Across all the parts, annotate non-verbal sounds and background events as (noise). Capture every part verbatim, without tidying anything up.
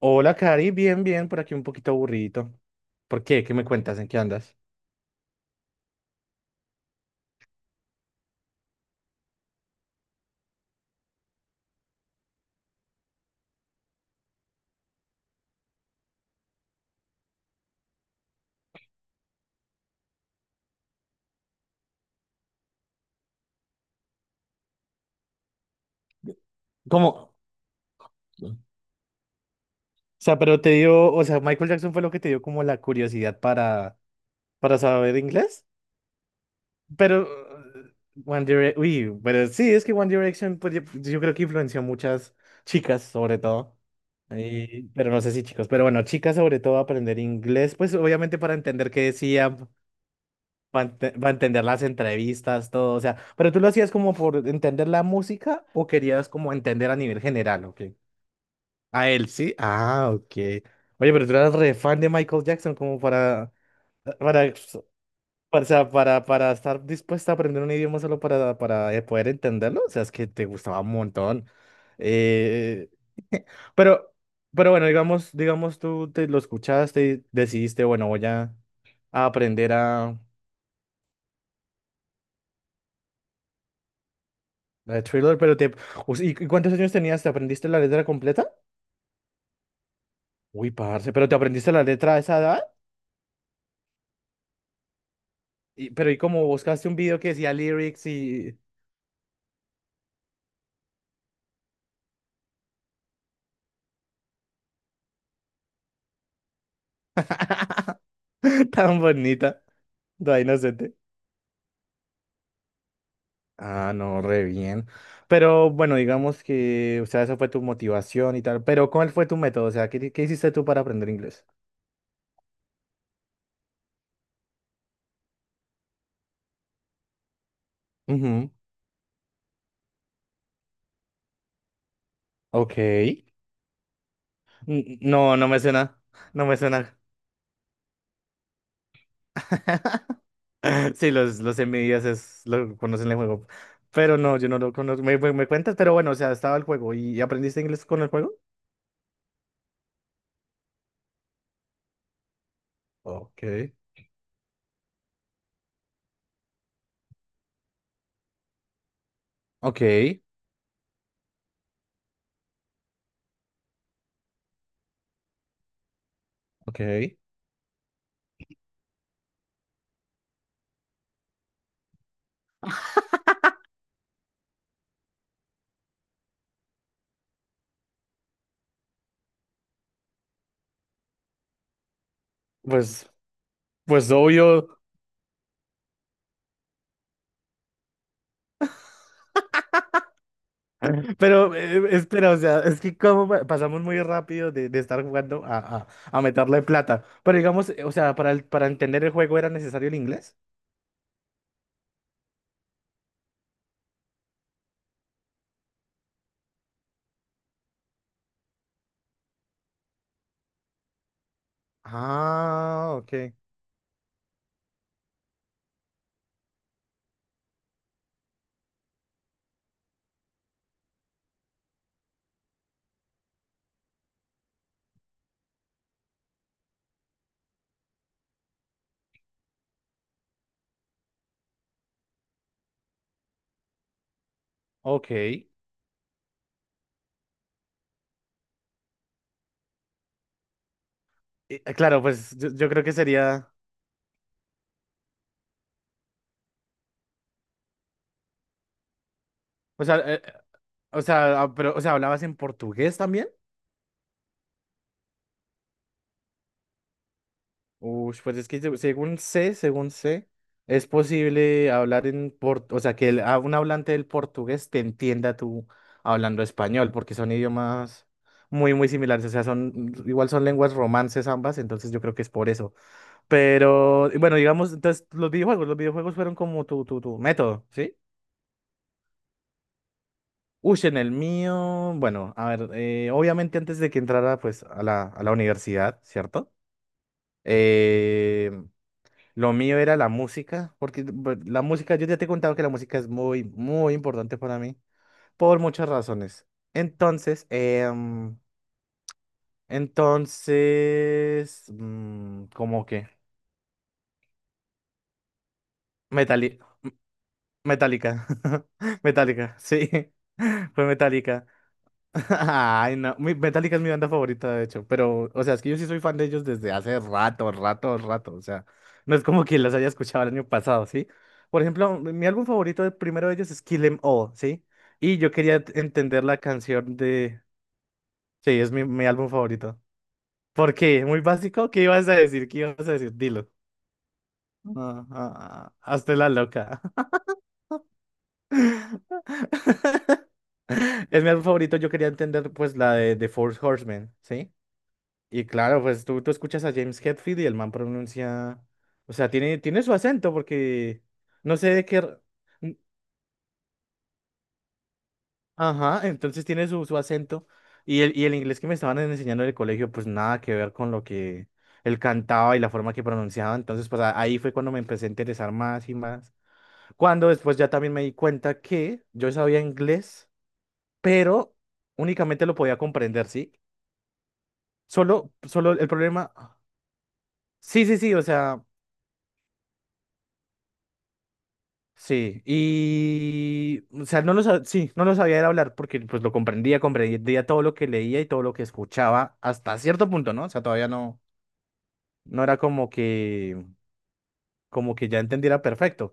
Hola, Cari, bien, bien, por aquí un poquito aburrido. ¿Por qué? ¿Qué me cuentas? ¿En qué andas? ¿Cómo? O sea, pero te dio, o sea, Michael Jackson fue lo que te dio como la curiosidad para, para saber inglés. Pero, eh, One Direction, uy, pero sí, es que One Direction, pues yo, yo creo que influenció a muchas chicas, sobre todo. Y- pero no sé si chicos, pero bueno, chicas sobre todo a aprender inglés, pues obviamente para entender qué decía. Para entender las entrevistas, todo, o sea, pero tú lo hacías como por entender la música o querías como entender a nivel general, ok. A él, sí. Ah, ok. Oye, pero tú eras re fan de Michael Jackson como para, para, para, o sea, para, para estar dispuesta a aprender un idioma solo para, para eh, poder entenderlo, o sea, es que te gustaba un montón. Eh, pero, pero bueno, digamos, digamos tú te lo escuchaste y decidiste, bueno, voy a, a aprender a... La de Thriller, pero te... Us- ¿Y y cuántos años tenías? ¿Te aprendiste la letra completa? Uy, parce, ¿pero te aprendiste la letra a esa edad? Y- pero ¿y cómo buscaste un video que decía lyrics y...? (laughs) Tan bonita, tan inocente. Ah, no, re bien. Pero bueno, digamos que, o sea, esa fue tu motivación y tal. Pero ¿cuál fue tu método? O sea, ¿qué, qué hiciste tú para aprender inglés? Ujú. Ok. N- No, no me suena. No me suena. (laughs) (laughs) Sí, los, los envidias es, lo conocen el juego. Pero no, yo no lo conozco. Me, me- me cuentas, pero bueno, o sea, estaba el juego. ¿Y aprendiste inglés con el juego? Ok. Ok, ok. pues, pues obvio. (laughs) Pero eh, espera, o sea, es que como pa- pasamos muy rápido de, de estar jugando a, a, a meterle plata. Pero digamos, eh, o sea, para, el- para entender el juego era necesario el inglés. Ah, ok. Ok. Eh, claro, pues yo, yo creo que sería. O sea, eh, O sea, ah, pero, o sea, ¿hablabas en portugués también? Uy, pues es que se- según sé, según sé, es posible hablar en portugués, o sea, que el- a un hablante del portugués te entienda tú hablando español, porque son idiomas muy, muy similares, o sea, son, igual son lenguas romances ambas, entonces yo creo que es por eso. Pero, y bueno, digamos, entonces, los videojuegos, los videojuegos fueron como tu, tu, tu método, ¿sí? Uy, en el mío, bueno, a ver, eh, obviamente antes de que entrara, pues, a la, a la universidad, ¿cierto? Eh, lo mío era la música, porque bu- la música, yo ya te he contado que la música es muy, muy importante para mí, por muchas razones. Entonces, em, entonces, mm, ¿cómo que? Metali- Metallica. (laughs) Metallica, sí. (laughs) Fue Metallica. (laughs) Ay, no. Mi, Metallica es mi banda favorita, de hecho. Pero, o sea, es que yo sí soy fan de ellos desde hace rato, rato, rato. O sea, no es como que las haya escuchado el año pasado, ¿sí? Por ejemplo, mi mi álbum favorito, el primero de ellos es Kill 'Em All, ¿sí? Y yo quería t- entender la canción de... Sí, es mi, mi álbum favorito. ¿Por qué? Muy básico. ¿Qué ibas a decir? ¿Qué ibas a decir? Dilo. Ah, ah, ah, hazte la loca. (laughs) Es mi álbum favorito. Yo quería entender, pues, la de The Four Horsemen, ¿sí? Y claro, pues tú, tú escuchas a James Hetfield y el man pronuncia, o sea, tiene, tiene su acento porque no sé de qué... r- n- Ajá, entonces tiene su, su acento y el, y el inglés que me estaban enseñando en el colegio, pues nada que ver con lo que él cantaba y la forma que pronunciaba. Entonces, pues a- ahí fue cuando me empecé a interesar más y más. Cuando después ya también me di cuenta que yo sabía inglés, pero únicamente lo podía comprender, ¿sí? Solo, solo el problema... Sí, sí, sí, o sea... Sí, y, o sea, no lo sabía, sí, no lo sabía era hablar porque pues lo comprendía, comprendía todo lo que leía y todo lo que escuchaba hasta cierto punto, ¿no? O sea, todavía no, no era como que, como que ya entendiera perfecto,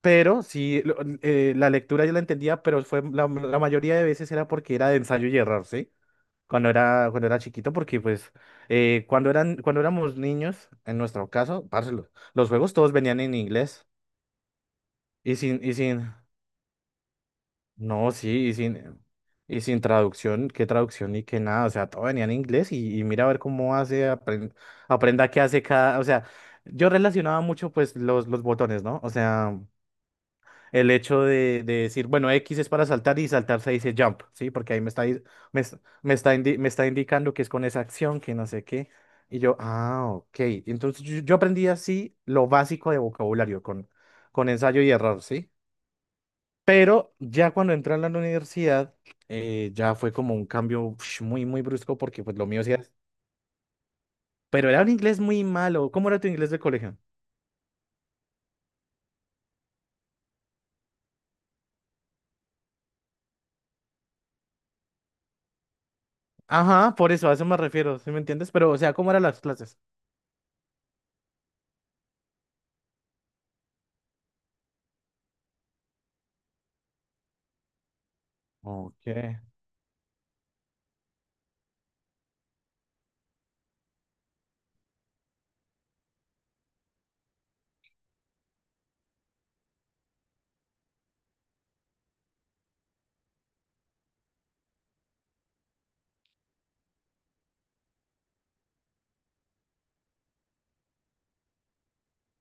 pero sí, lo- eh, la lectura yo la entendía, pero fue la, la mayoría de veces era porque era de ensayo y error, ¿sí? Cuando era, cuando era chiquito, porque pues eh, cuando eran, cuando éramos niños, en nuestro caso, parce, los, los juegos todos venían en inglés y sin, y sin, No, sí, y sin, y sin traducción, qué traducción y qué nada, o sea, todo venía en inglés y, y mira a ver cómo hace, apren- aprenda qué hace cada, o sea, yo relacionaba mucho pues los, los botones, ¿no? O sea, el hecho de, de decir, bueno, X es para saltar y saltar se dice jump, ¿sí? Porque ahí me está, di- me, es- me está, indi- me está indicando que es con esa acción, que no sé qué, y yo, ah, ok, entonces yo, yo aprendí así lo básico de vocabulario con, con ensayo y error, ¿sí? Pero ya cuando entré a la universidad, eh, ya fue como un cambio ush, muy, muy brusco porque pues lo mío sí era... Pero era un inglés muy malo. ¿Cómo era tu inglés de colegio? Ajá, por eso, a eso me refiero, ¿sí me entiendes? Pero, o sea, ¿cómo eran las clases? Ok.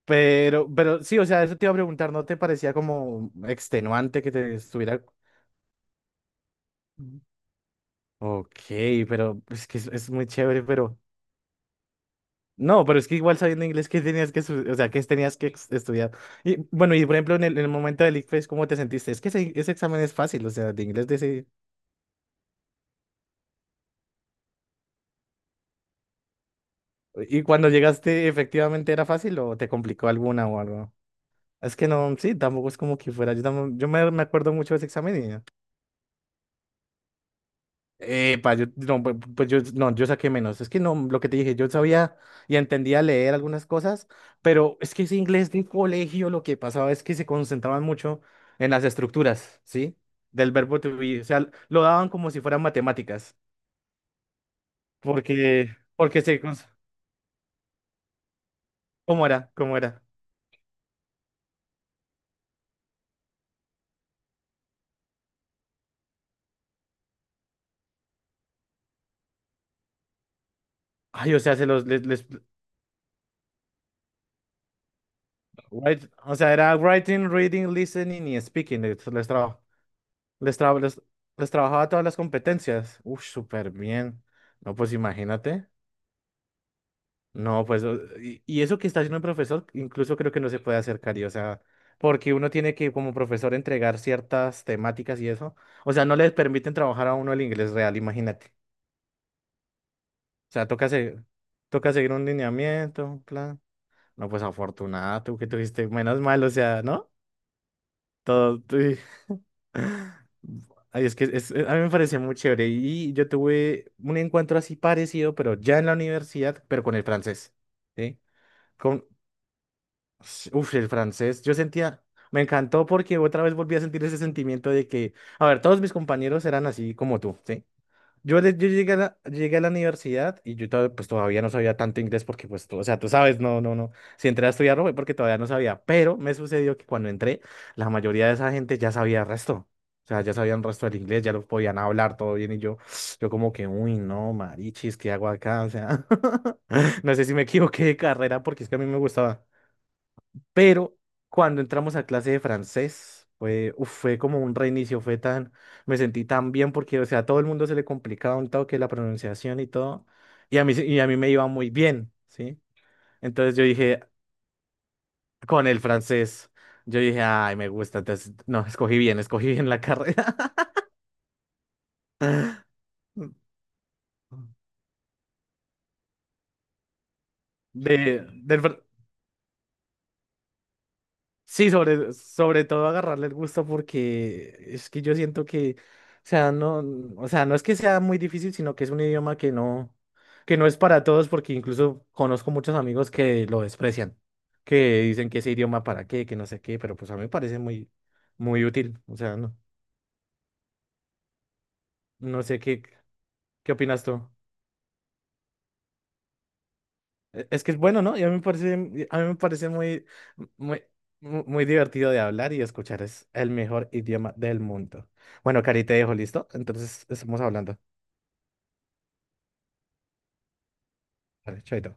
Pero, pero sí, o sea, eso te iba a preguntar, ¿no te parecía como extenuante que te estuviera...? Ok, pero pues, es que es, es muy chévere, pero... No, pero es que igual sabiendo inglés, ¿qué tenías que, estu- o sea, qué tenías que ex- estudiar? Y bueno, y por ejemplo, en el, en el momento del ICFES, ¿cómo te sentiste? Es que ese, ese examen es fácil, o sea, de inglés de ese... ¿Y cuando llegaste, efectivamente era fácil o te complicó alguna o algo? Es que no, sí, tampoco es como que fuera. Yo, tampoco- Yo me, me acuerdo mucho de ese examen. Epa, yo, no, pues pues yo, no, yo saqué menos. Es que no, lo que te dije, yo sabía y entendía leer algunas cosas, pero es que ese inglés de colegio lo que pasaba es que se concentraban mucho en las estructuras, ¿sí? Del verbo to be. O sea, lo daban como si fueran matemáticas, porque, porque se, cons- ¿cómo era? ¿Cómo era? Ay, o sea, se los, les, les- write- o sea, era writing, reading, listening y speaking. Les, les, traba- les, traba- les les trabajaba todas las competencias. Uf, súper bien. No, pues imagínate. No, pues, o- y, y eso que está haciendo el profesor, incluso creo que no se puede hacer, Cari, o sea, porque uno tiene que, como profesor, entregar ciertas temáticas y eso. O sea, no les permiten trabajar a uno el inglés real, imagínate. O sea, toca, se- toca seguir un lineamiento, un plan. No, pues afortunada, tú que tuviste menos mal, o sea, ¿no? Todo. tú- (laughs) Ay, es que es- a mí me pareció muy chévere. Y yo tuve un encuentro así parecido, pero ya en la universidad, pero con el francés. ¿Sí? con Sí, uf, el francés, yo sentía, me encantó porque otra vez volví a sentir ese sentimiento de que, a ver, todos mis compañeros eran así como tú, ¿sí? Yo, le- yo llegué a la, llegué a la universidad y yo to- pues todavía no sabía tanto inglés porque pues tú, o sea, tú sabes, no, no, no, si entré a estudiarlo fue porque todavía no sabía, pero me sucedió que cuando entré, la mayoría de esa gente ya sabía el resto, o sea, ya sabían el resto del inglés, ya lo podían hablar todo bien y yo, (sniffs) yo como que, uy, no, marichis, ¿qué hago acá? O sea, (laughs) no sé si me equivoqué de carrera porque es que a mí me gustaba. Pero cuando entramos a clase de francés, fue, uf, fue como un reinicio, fue tan, me sentí tan bien porque, o sea, a todo el mundo se le complicaba un toque la pronunciación y todo, y a mí, se- y a mí me iba muy bien, ¿sí? Entonces yo dije, con el francés, yo dije, ay, me gusta, entonces, no, escogí bien, escogí bien la carrera. (laughs) De, del, fr- Sí, sobre, sobre todo agarrarle el gusto porque es que yo siento que, o sea, no, o sea, no es que sea muy difícil, sino que es un idioma que no, que no es para todos, porque incluso conozco muchos amigos que lo desprecian, que dicen que ese idioma para qué, que no sé qué, pero pues a mí me parece muy, muy útil, o sea, no, no sé qué, qué opinas tú. E- Es que es bueno, ¿no? Y a mí me parece, a mí me parece muy, muy, mu- muy divertido de hablar y escuchar. Es el mejor idioma del mundo. Bueno, Cari, te dejo listo. Entonces, estamos hablando. Vale, chaito.